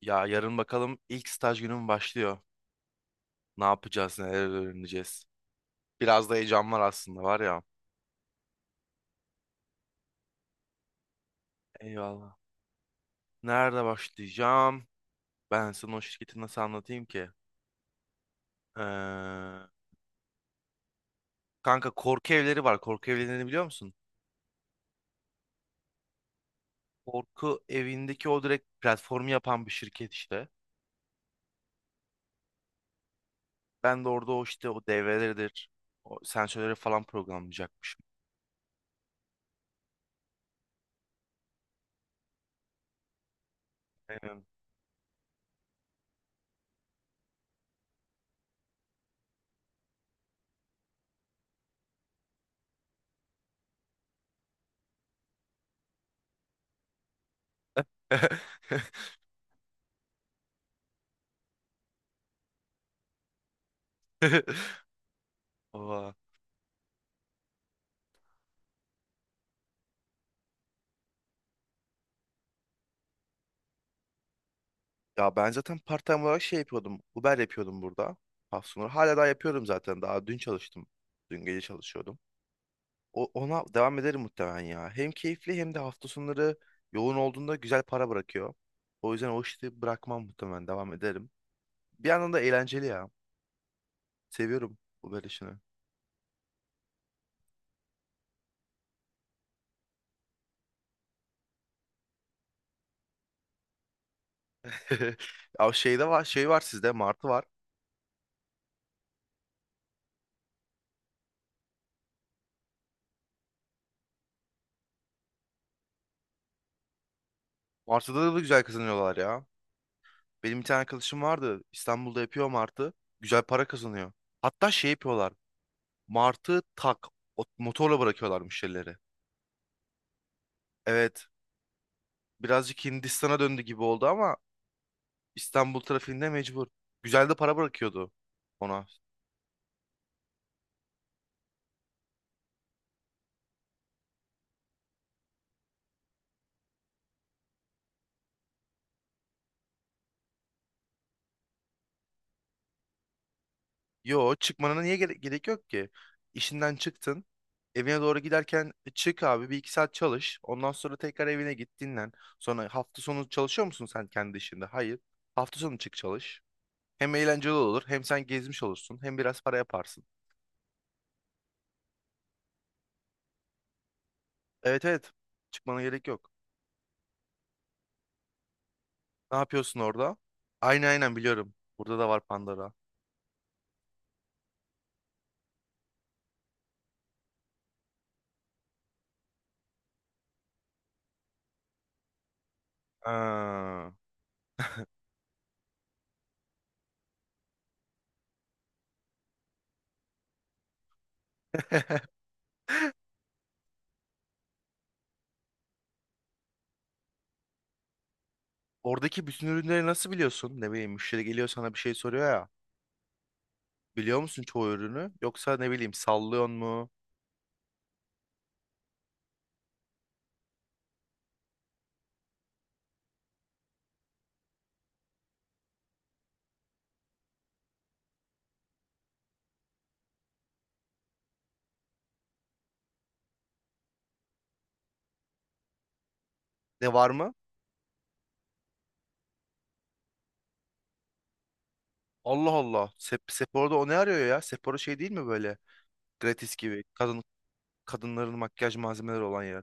Ya yarın bakalım ilk staj günüm başlıyor. Ne yapacağız, neler öğreneceğiz. Biraz da heyecan var aslında var ya. Eyvallah. Nerede başlayacağım? Ben sana o şirketi nasıl anlatayım ki? Ee, Kanka korku evleri var. Korku evlerini biliyor musun? Korku evindeki o direkt platformu yapan bir şirket işte. Ben de orada o işte o devreleridir. O sensörleri falan programlayacakmışım. Aynen. Oha. Ya ben zaten part-time olarak şey yapıyordum. Uber yapıyordum burada. Hafta sonları. Hala daha yapıyorum zaten. Daha dün çalıştım. Dün gece çalışıyordum. Ona devam ederim muhtemelen ya. Hem keyifli hem de hafta sonları yoğun olduğunda güzel para bırakıyor. O yüzden o işi bırakmam muhtemelen. Devam ederim. Bir yandan da eğlenceli ya. Seviyorum Uber işini. Ya şeyde var, şey var sizde. Martı var. Martı'da da güzel kazanıyorlar ya. Benim bir tane arkadaşım vardı. İstanbul'da yapıyor Martı. Güzel para kazanıyor. Hatta şey yapıyorlar. Martı motorla bırakıyorlarmış şeyleri. Evet, birazcık Hindistan'a döndü gibi oldu ama İstanbul trafiğinde mecbur. Güzel de para bırakıyordu ona. Yo, çıkmanına niye gerek yok ki? İşinden çıktın. Evine doğru giderken "E, çık abi bir iki saat çalış. Ondan sonra tekrar evine git, dinlen. Sonra hafta sonu çalışıyor musun sen kendi işinde? Hayır. Hafta sonu çık çalış. Hem eğlenceli olur hem sen gezmiş olursun hem biraz para yaparsın. Evet, evet, çıkmana gerek yok. Ne yapıyorsun orada? Aynen, aynen, biliyorum. Burada da var Pandora. Ha. Oradaki bütün ürünleri nasıl biliyorsun? Ne bileyim, müşteri geliyor sana bir şey soruyor ya. Biliyor musun çoğu ürünü? Yoksa ne bileyim sallıyor mu? Ne, var mı? Allah Allah. Sephora'da o ne arıyor ya? Sephora şey değil mi böyle? Gratis gibi. Kadınların makyaj malzemeleri olan yer.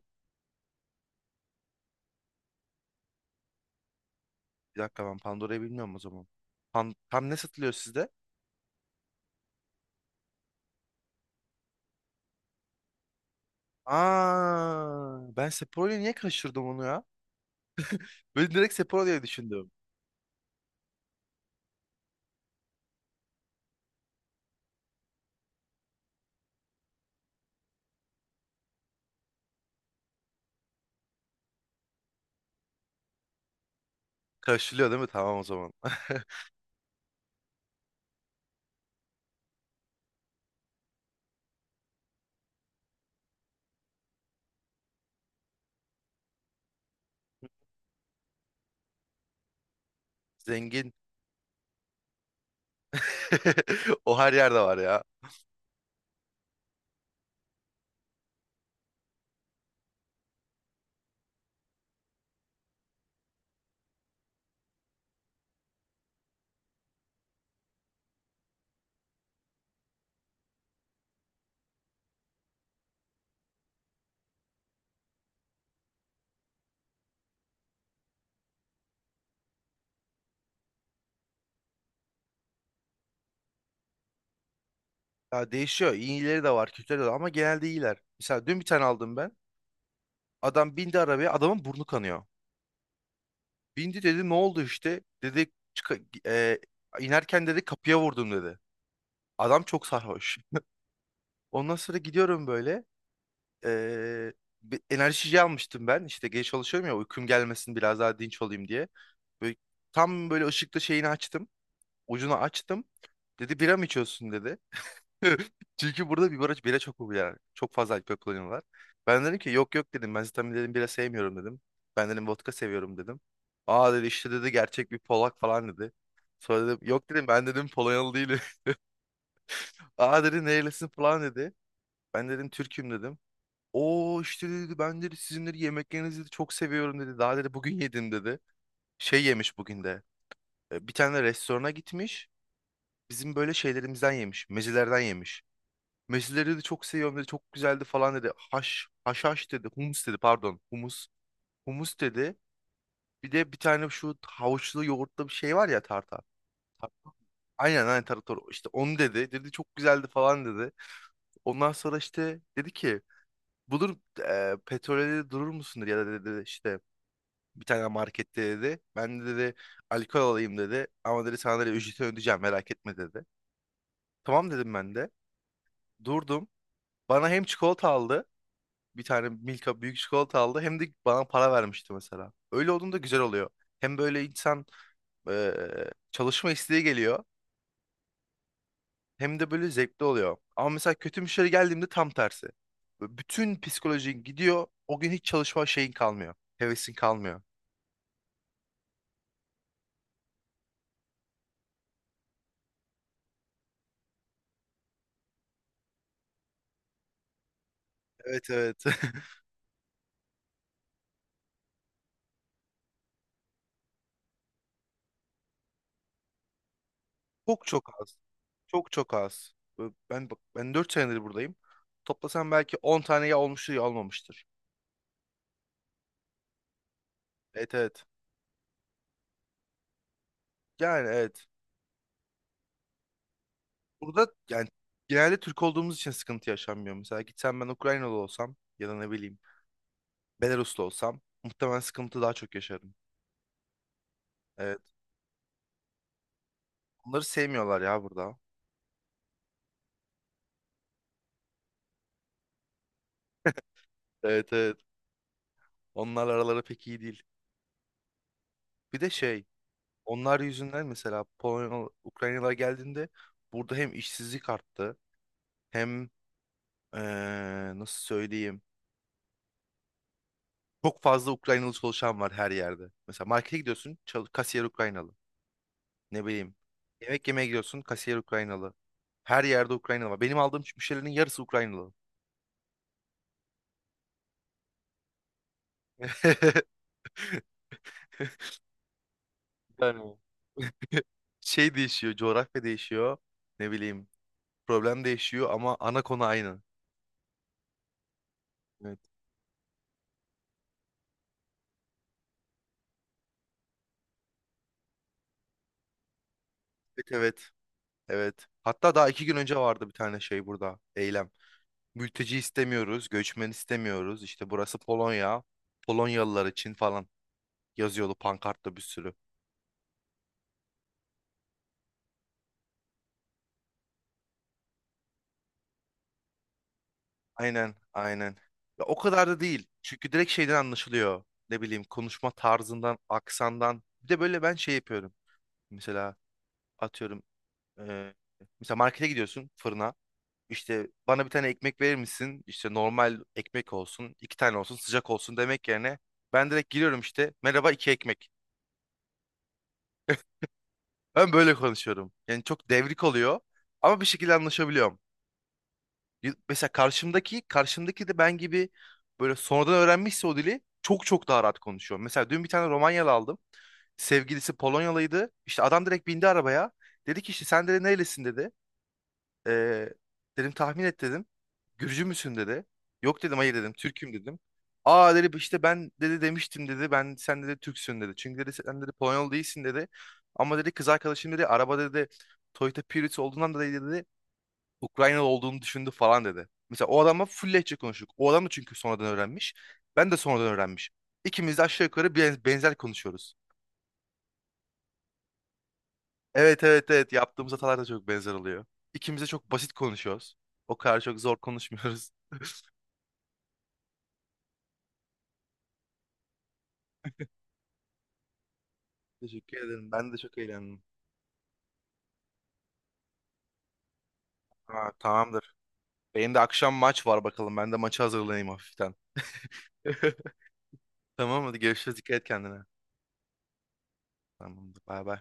Bir dakika, ben Pandora'yı bilmiyorum o zaman. Tam ne satılıyor sizde? Aa, ben Sephora'yı niye kaçırdım onu ya? Böyle direkt Sephora diye düşündüm. Karşılıyor değil mi? Tamam o zaman. Zengin. O her yerde var ya. Ya değişiyor. İyileri de var, kötüleri de var ama genelde iyiler. Mesela dün bir tane aldım ben. Adam bindi arabaya, adamın burnu kanıyor. Bindi, dedi ne oldu işte? Dedi, inerken dedi, kapıya vurdum dedi. Adam çok sarhoş. Ondan sonra gidiyorum böyle. E, Bir enerjici almıştım ben. İşte geç çalışıyorum ya, uykum gelmesin biraz daha dinç olayım diye. Böyle, tam böyle ışıklı şeyini açtım. Ucunu açtım. Dedi bira mı içiyorsun dedi. Çünkü burada bir baraj bira çok popüler. Çok fazla alkol kullanıyorlar. Ben dedim ki yok, yok, dedim. Ben zaten dedim bira sevmiyorum dedim. Ben dedim vodka seviyorum dedim. Aa, dedi, işte, dedi, gerçek bir Polak falan dedi. Sonra dedim yok dedim ben dedim Polonyalı değilim. Aa, dedi, nerelisin falan dedi. Ben dedim Türk'üm dedim. Oo, işte, dedi, ben, dedi, sizin, dedi, yemeklerinizi dedi, çok seviyorum dedi. Daha, dedi, bugün yedim dedi. Şey yemiş bugün de. Bir tane restorana gitmiş. Bizim böyle şeylerimizden yemiş. Mezelerden yemiş. Mezeleri de çok seviyorum dedi. Çok güzeldi falan dedi. Haşhaş dedi. Humus dedi, pardon. Humus. Humus dedi. Bir de bir tane şu havuçlu yoğurtlu bir şey var ya, tartar. Tar- Aynen, aynen, tartar. İşte onu dedi. Dedi çok güzeldi falan dedi. Ondan sonra işte dedi ki bulur petrole, dedi, durur musun dedi, ya da, dedi, işte bir tane markette dedi. Ben de, dedi, alkol alayım dedi. Ama, dedi, sana, dedi, ücreti ödeyeceğim merak etme dedi. Tamam dedim ben de. Durdum. Bana hem çikolata aldı, bir tane Milka büyük çikolata aldı. Hem de bana para vermişti mesela. Öyle olduğunda güzel oluyor. Hem böyle insan e, çalışma isteği geliyor. Hem de böyle zevkli oluyor. Ama mesela kötü müşteri geldiğimde tam tersi. Böyle bütün psikolojin gidiyor. O gün hiç çalışma şeyin kalmıyor. Hevesin kalmıyor. Evet, evet. Çok çok az. Çok çok az. Böyle ben bak ben 4 senedir buradayım. Toplasam belki 10 tane ya olmuştur ya olmamıştır. Evet, evet. Yani evet. Burada yani genelde Türk olduğumuz için sıkıntı yaşanmıyor. Mesela gitsem ben Ukraynalı olsam ya da ne bileyim Belaruslu olsam muhtemelen sıkıntı daha çok yaşarım. Evet. Onları sevmiyorlar ya burada. Evet, evet. Onlarla araları pek iyi değil. Bir de şey, onlar yüzünden mesela Polonyalı, Ukraynalılar geldiğinde burada hem işsizlik arttı hem nasıl söyleyeyim, çok fazla Ukraynalı çalışan var her yerde. Mesela markete gidiyorsun, kasiyer Ukraynalı. Ne bileyim. Yemek yemeye gidiyorsun. Kasiyer Ukraynalı. Her yerde Ukraynalı var. Benim aldığım müşterilerin yarısı Ukraynalı. Yani şey değişiyor. Coğrafya değişiyor. Ne bileyim. Problem değişiyor ama ana konu aynı. Evet. Evet, evet. Evet. Hatta daha 2 gün önce vardı bir tane şey burada. Eylem. Mülteci istemiyoruz. Göçmen istemiyoruz. İşte burası Polonya. Polonyalılar için falan yazıyordu pankartta bir sürü. Aynen, aynen. Ya o kadar da değil. Çünkü direkt şeyden anlaşılıyor. Ne bileyim, konuşma tarzından, aksandan. Bir de böyle ben şey yapıyorum. Mesela atıyorum, e, mesela markete gidiyorsun, fırına. İşte bana bir tane ekmek verir misin? İşte normal ekmek olsun, iki tane olsun, sıcak olsun demek yerine ben direkt giriyorum işte. Merhaba, iki ekmek. Ben böyle konuşuyorum. Yani çok devrik oluyor ama bir şekilde anlaşabiliyorum. Mesela karşımdaki, de ben gibi böyle sonradan öğrenmişse o dili çok çok daha rahat konuşuyor. Mesela dün bir tane Romanyalı aldım. Sevgilisi Polonyalıydı. İşte adam direkt bindi arabaya. Dedi ki işte sen de nerelisin dedi. Ee, Dedim tahmin et dedim. Gürcü müsün dedi. Yok dedim, hayır dedim, Türk'üm dedim. Aa, dedi, işte, ben, dedi, demiştim dedi. Ben, sen, dedi, Türksün dedi. Çünkü, dedi, sen, dedi, Polonyalı değilsin dedi. Ama, dedi, kız arkadaşım, dedi, araba, dedi, Toyota Prius olduğundan dolayı, dedi, Ukraynalı olduğunu düşündü falan dedi. Mesela o adamla full lehçe konuştuk. O adam da çünkü sonradan öğrenmiş. Ben de sonradan öğrenmiş. İkimiz de aşağı yukarı benzer konuşuyoruz. Evet, evet, evet, yaptığımız hatalar da çok benzer oluyor. İkimiz de çok basit konuşuyoruz. O kadar çok zor konuşmuyoruz. Teşekkür ederim. Ben de çok eğlendim. Ha, tamamdır. Benim de akşam maç var bakalım. Ben de maçı hazırlayayım hafiften. Tamam, hadi görüşürüz. Dikkat et kendine. Tamamdır. Bay bay.